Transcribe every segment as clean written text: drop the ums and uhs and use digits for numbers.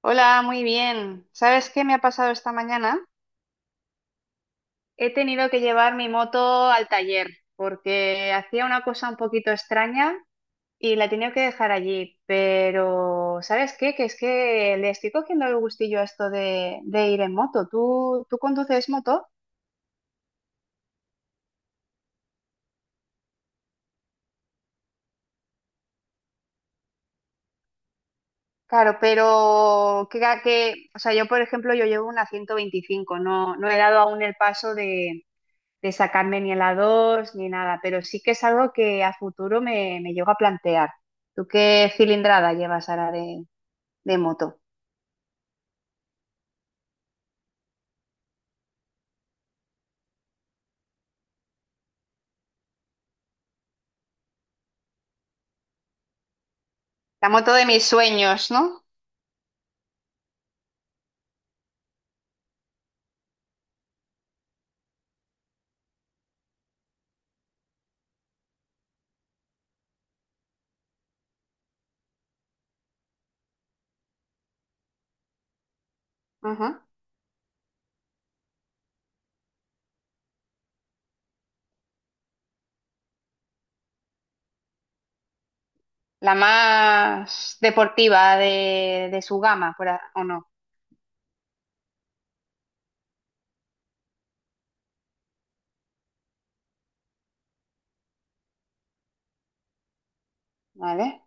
Hola, muy bien. ¿Sabes qué me ha pasado esta mañana? He tenido que llevar mi moto al taller porque hacía una cosa un poquito extraña y la he tenido que dejar allí. Pero, ¿sabes qué? Que es que le estoy cogiendo el gustillo a esto de ir en moto. ¿Tú conduces moto? Claro, pero o sea, yo por ejemplo, yo llevo una 125, no he dado aún el paso de sacarme ni en la 2 ni nada, pero sí que es algo que a futuro me llego a plantear. ¿Tú qué cilindrada llevas ahora de moto? La moto de mis sueños, ¿no? Ajá. La más deportiva de su gama, por a- ¿o no? ¿Vale?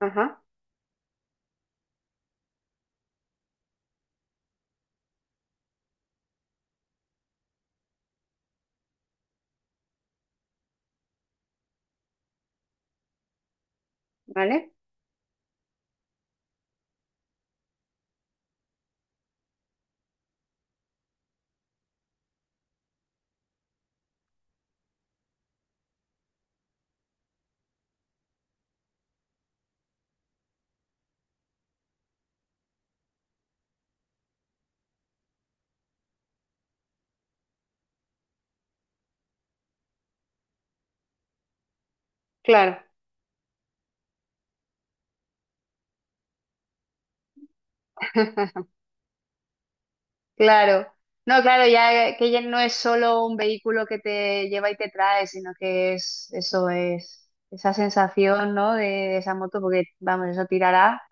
Ajá, ¿vale? Claro. Claro. No, claro, ya que ya no es solo un vehículo que te lleva y te trae, sino que es esa sensación, ¿no? De esa moto, porque vamos, eso tirará.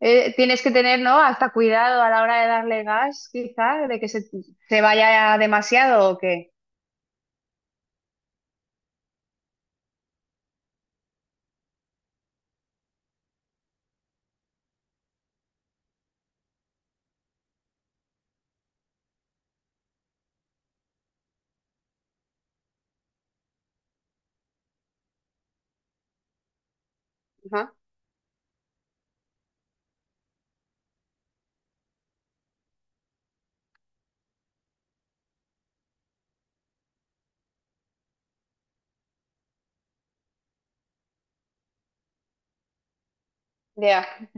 Tienes que tener, ¿no? Hasta cuidado a la hora de darle gas, quizás, de se vaya demasiado o qué. Ajá, ya.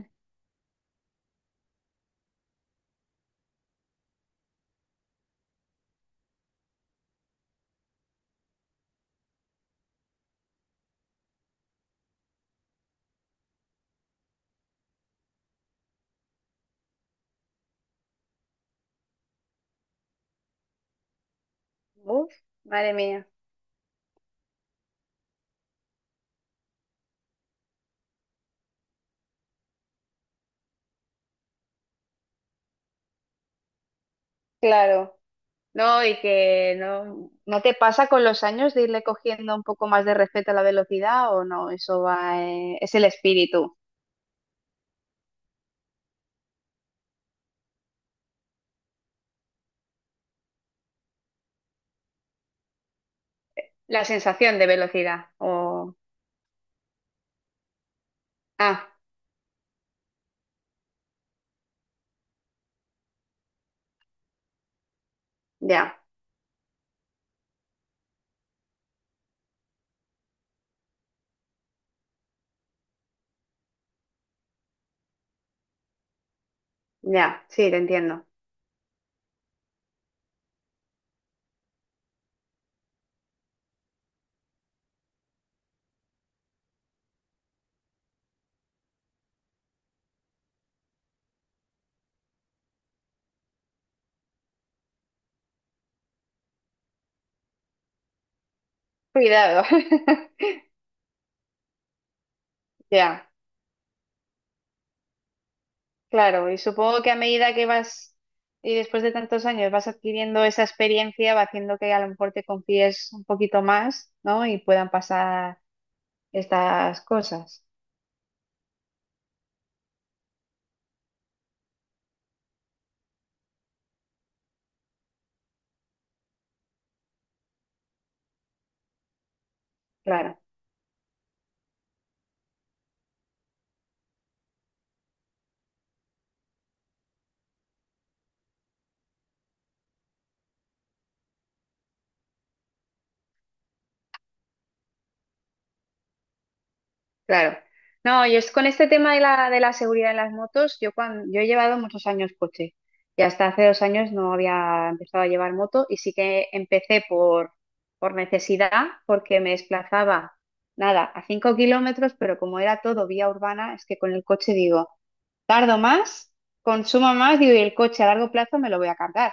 Uf, madre mía. Claro. No, y que no, ¿no te pasa con los años de irle cogiendo un poco más de respeto a la velocidad o no? Eso va, es el espíritu, la sensación de velocidad. O... Ah, ya, ya, sí, te entiendo. Cuidado. Ya. Claro, y supongo que a medida que vas y después de tantos años vas adquiriendo esa experiencia, va haciendo que a lo mejor te confíes un poquito más, ¿no? Y puedan pasar estas cosas. Claro, claro. No, yo es con este tema de la seguridad en las motos, yo cuando yo he llevado muchos años coche y hasta hace 2 años no había empezado a llevar moto y sí que empecé por necesidad, porque me desplazaba, nada, a 5 km, pero como era todo vía urbana, es que con el coche digo. Tardo más, consumo más, digo, y el coche a largo plazo me lo voy a cargar.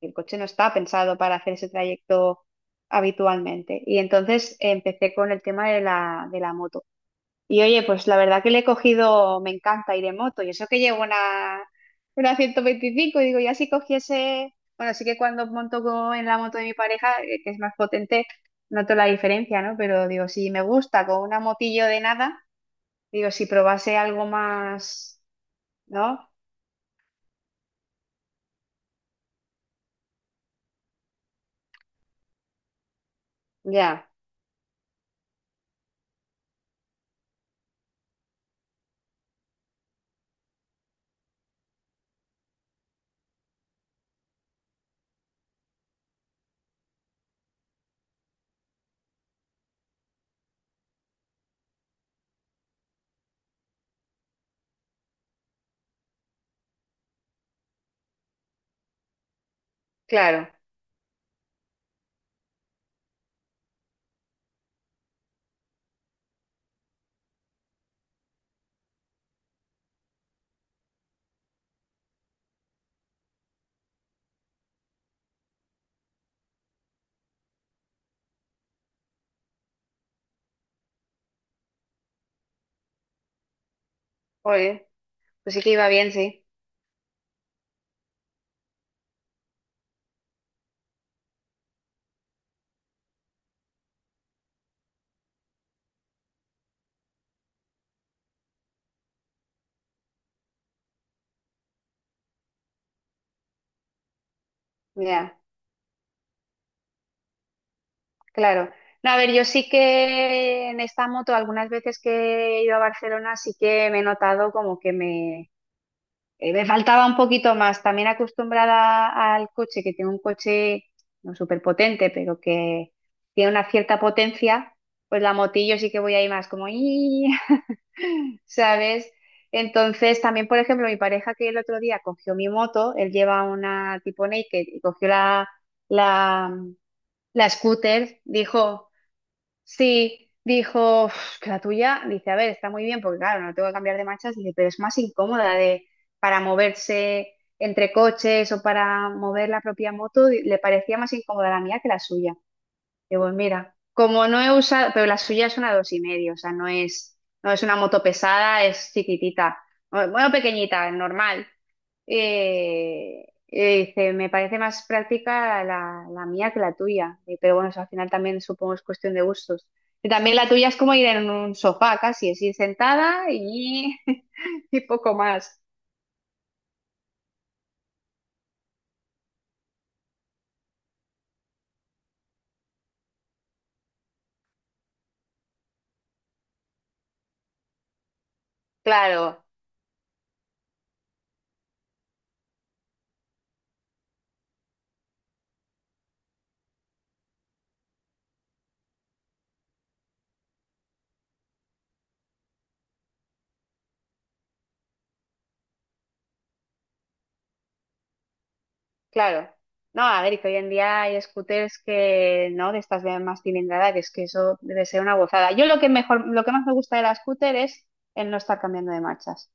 El coche no está pensado para hacer ese trayecto habitualmente. Y entonces empecé con el tema de la moto. Y oye, pues la verdad que le he cogido, me encanta ir en moto. Y eso que llevo una 125 digo, ya si cogiese, bueno, sí que cuando monto co- en la moto de mi pareja, que es más potente, noto la diferencia, ¿no? Pero digo, si me gusta con una motillo de nada, digo, si probase algo más... ¿no? Ya, claro. Oye, pues sí que iba bien, sí. Ya, claro. No, a ver, yo sí que en esta moto, algunas veces que he ido a Barcelona, sí que me he notado como que me faltaba un poquito más, también acostumbrada al coche, que tengo un coche no súper potente, pero que tiene una cierta potencia, pues la motillo sí que voy ahí más como, "Ii", ¿sabes? Entonces, también, por ejemplo, mi pareja que el otro día cogió mi moto, él lleva una tipo naked y cogió la, la scooter, dijo... Sí, dijo, "Uf, que la tuya, dice, a ver, está muy bien, porque claro, no tengo que cambiar de marchas, dice, pero es más incómoda de, para moverse entre coches o para mover la propia moto, di- le parecía más incómoda la mía que la suya. Digo, "Pues mira, como no he usado, pero la suya es una dos y medio, o sea, no es una moto pesada, es chiquitita, o- bueno, pequeñita, normal, dice, me parece más práctica la mía que la tuya. Pero bueno, eso al final también supongo es cuestión de gustos. Y también la tuya es como ir en un sofá casi, es ir sentada y, y poco más. Claro, claro. No, a ver, y que hoy en día hay scooters que, ¿no? De estas de más cilindrada, que es que eso debe ser una gozada. Yo lo que mejor, lo que más me gusta de la scooter es el no estar cambiando de marchas.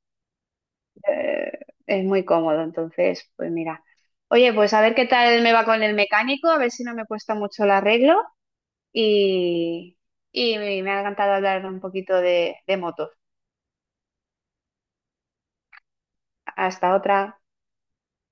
Eh, es muy cómodo, entonces, pues mira. Oye, pues a ver qué tal me va con el mecánico, a ver si no me cuesta mucho el arreglo y, y me ha encantado hablar un poquito de motos. Hasta otra.